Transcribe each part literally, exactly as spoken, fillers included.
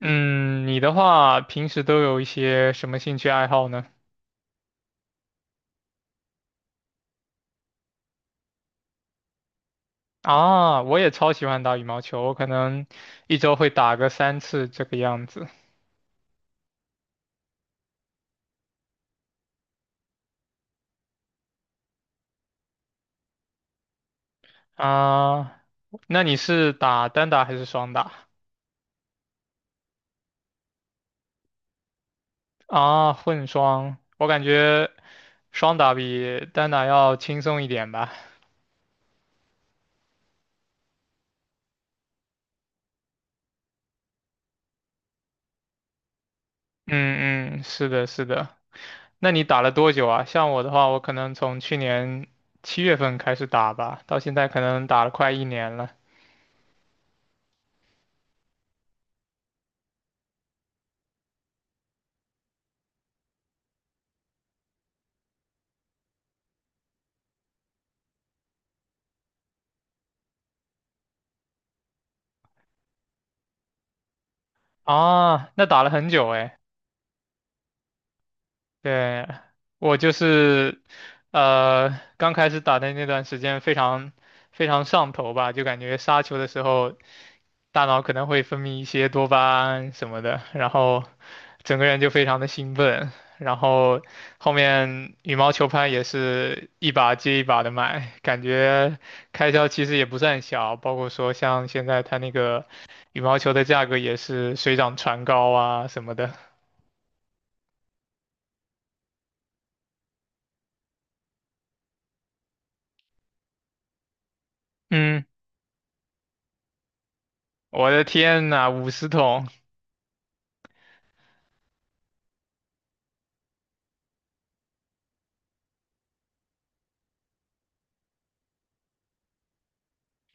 嗯，你的话平时都有一些什么兴趣爱好呢？啊，我也超喜欢打羽毛球，我可能一周会打个三次这个样子。啊，那你是打单打还是双打？啊，混双，我感觉双打比单打要轻松一点吧。嗯嗯，是的，是的。那你打了多久啊？像我的话，我可能从去年七月份开始打吧，到现在可能打了快一年了。啊，那打了很久诶。对，我就是，呃，刚开始打的那段时间非常非常上头吧，就感觉杀球的时候，大脑可能会分泌一些多巴胺什么的，然后整个人就非常的兴奋，然后后面羽毛球拍也是一把接一把的买，感觉开销其实也不算小，包括说像现在它那个羽毛球的价格也是水涨船高啊什么的。嗯，我的天呐，五十桶！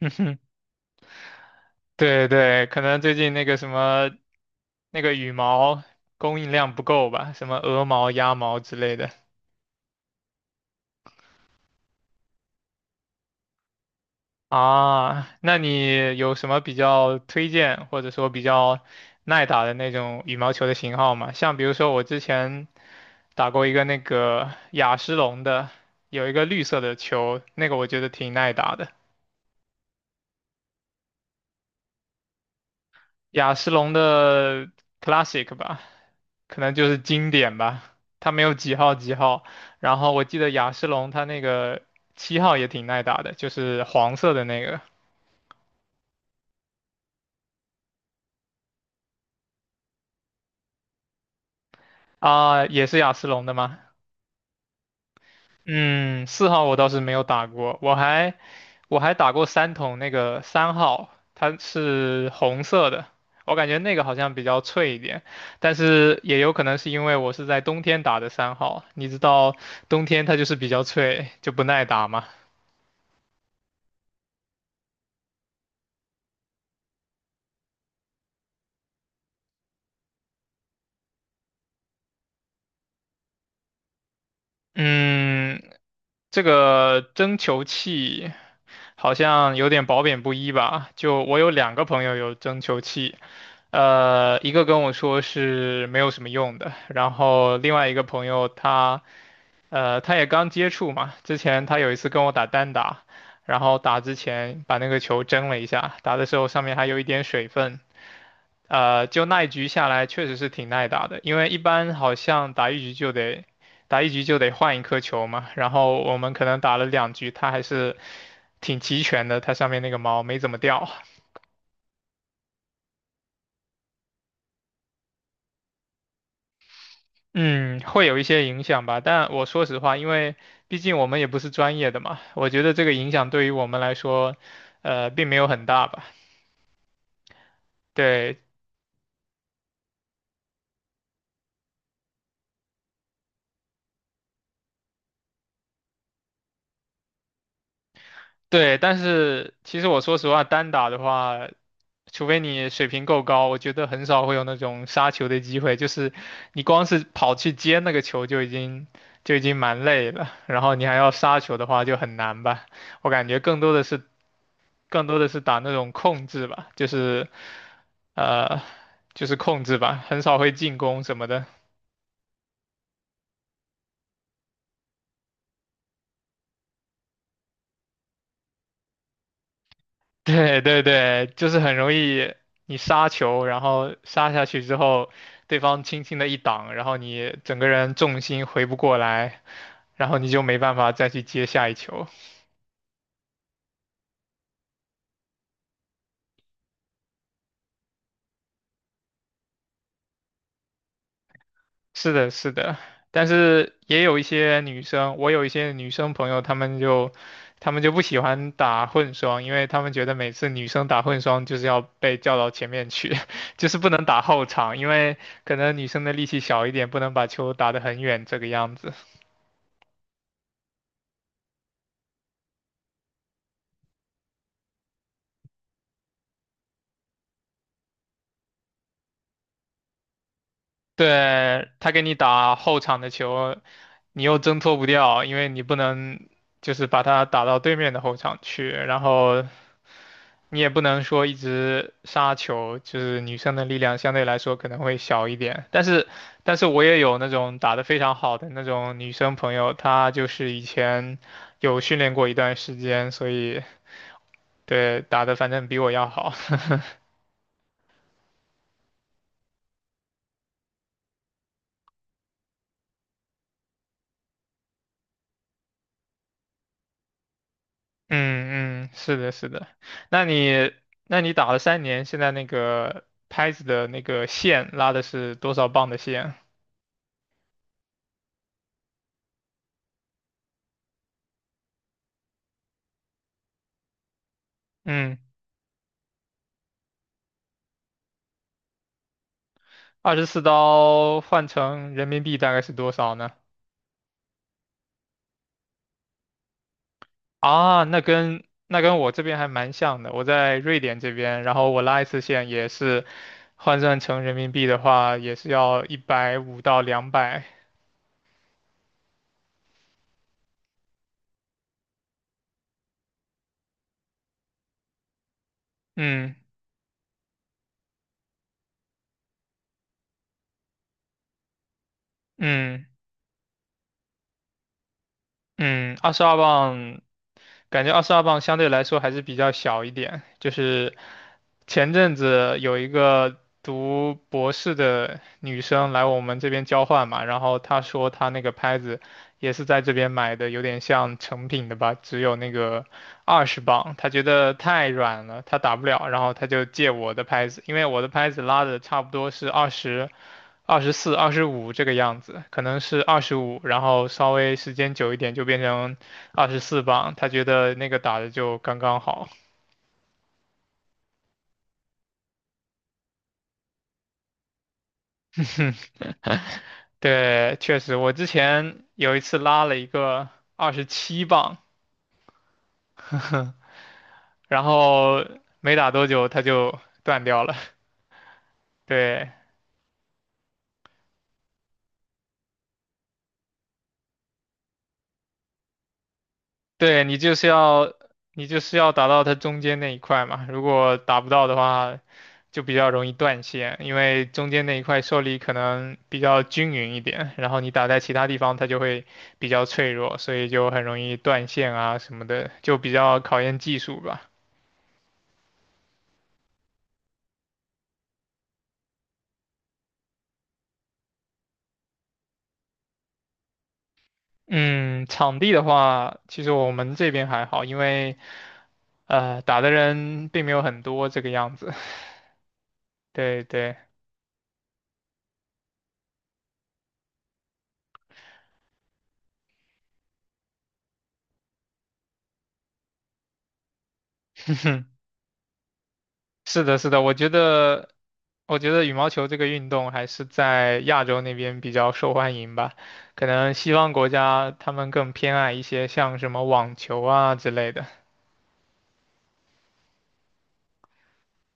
嗯哼，对对，可能最近那个什么那个羽毛供应量不够吧，什么鹅毛、鸭毛之类的啊。那你有什么比较推荐或者说比较耐打的那种羽毛球的型号吗？像比如说我之前打过一个那个雅诗龙的，有一个绿色的球，那个我觉得挺耐打的。雅诗龙的 Classic 吧，可能就是经典吧。它没有几号几号，然后我记得雅诗龙它那个七号也挺耐打的，就是黄色的那个啊，也是雅诗龙的吗？嗯，四号我倒是没有打过，我还我还打过三筒那个三号，它是红色的，我感觉那个好像比较脆一点，但是也有可能是因为我是在冬天打的三号。你知道冬天它就是比较脆，就不耐打嘛。嗯，这个蒸球器好像有点褒贬不一吧？就我有两个朋友有蒸球器，呃，一个跟我说是没有什么用的，然后另外一个朋友他。呃，他也刚接触嘛，之前他有一次跟我打单打，然后打之前把那个球蒸了一下，打的时候上面还有一点水分，呃，就那一局下来确实是挺耐打的，因为一般好像打一局就得打一局就得换一颗球嘛，然后我们可能打了两局，它还是挺齐全的，它上面那个毛没怎么掉。嗯，会有一些影响吧，但我说实话，因为毕竟我们也不是专业的嘛，我觉得这个影响对于我们来说，呃，并没有很大吧。对，对，但是其实我说实话，单打的话，除非你水平够高，我觉得很少会有那种杀球的机会。就是你光是跑去接那个球就已经就已经蛮累了，然后你还要杀球的话就很难吧。我感觉更多的是更多的是打那种控制吧，就是呃就是控制吧，很少会进攻什么的。对对对，就是很容易你杀球，然后杀下去之后，对方轻轻的一挡，然后你整个人重心回不过来，然后你就没办法再去接下一球。是的，是的，但是也有一些女生，我有一些女生朋友，她们就她们就不喜欢打混双，因为她们觉得每次女生打混双就是要被叫到前面去，就是不能打后场，因为可能女生的力气小一点，不能把球打得很远这个样子。对，他给你打后场的球，你又挣脱不掉，因为你不能就是把他打到对面的后场去，然后你也不能说一直杀球，就是女生的力量相对来说可能会小一点。但是，但是我也有那种打得非常好的那种女生朋友，她就是以前有训练过一段时间，所以对打的反正比我要好。嗯嗯，是的，是的。那你，那你打了三年，现在那个拍子的那个线拉的是多少磅的线？嗯，二十四刀换成人民币大概是多少呢？啊，那跟那跟我这边还蛮像的。我在瑞典这边，然后我拉一次线也是换算成人民币的话，也是要一百五到两百。嗯嗯嗯，二十二磅感觉二十二磅相对来说还是比较小一点。就是前阵子有一个读博士的女生来我们这边交换嘛，然后她说她那个拍子也是在这边买的，有点像成品的吧，只有那个二十磅，她觉得太软了，她打不了，然后她就借我的拍子，因为我的拍子拉的差不多是二十。二十四、二十五这个样子，可能是二十五，然后稍微时间久一点就变成二十四磅，他觉得那个打的就刚刚好。对，确实，我之前有一次拉了一个二十七磅，然后没打多久它就断掉了。对，对，你就是要你就是要打到它中间那一块嘛，如果打不到的话，就比较容易断线，因为中间那一块受力可能比较均匀一点，然后你打在其他地方它就会比较脆弱，所以就很容易断线啊什么的，就比较考验技术吧。嗯，场地的话，其实我们这边还好，因为呃打的人并没有很多这个样子。对对，是的，是的，我觉得，我觉得羽毛球这个运动还是在亚洲那边比较受欢迎吧。可能西方国家他们更偏爱一些像什么网球啊之类的。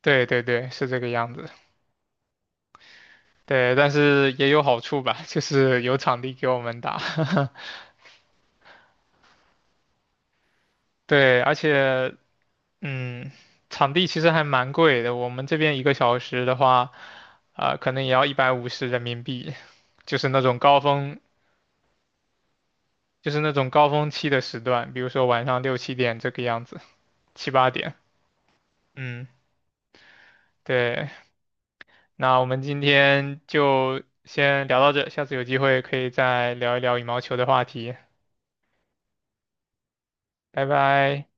对对对，是这个样子。对，但是也有好处吧，就是有场地给我们打。对，而且，嗯，场地其实还蛮贵的。我们这边一个小时的话，啊、可能也要一百五十人民币，就是那种高峰就是那种高峰期的时段，比如说晚上六七点这个样子，七八点。嗯，对。那我们今天就先聊到这，下次有机会可以再聊一聊羽毛球的话题。拜拜。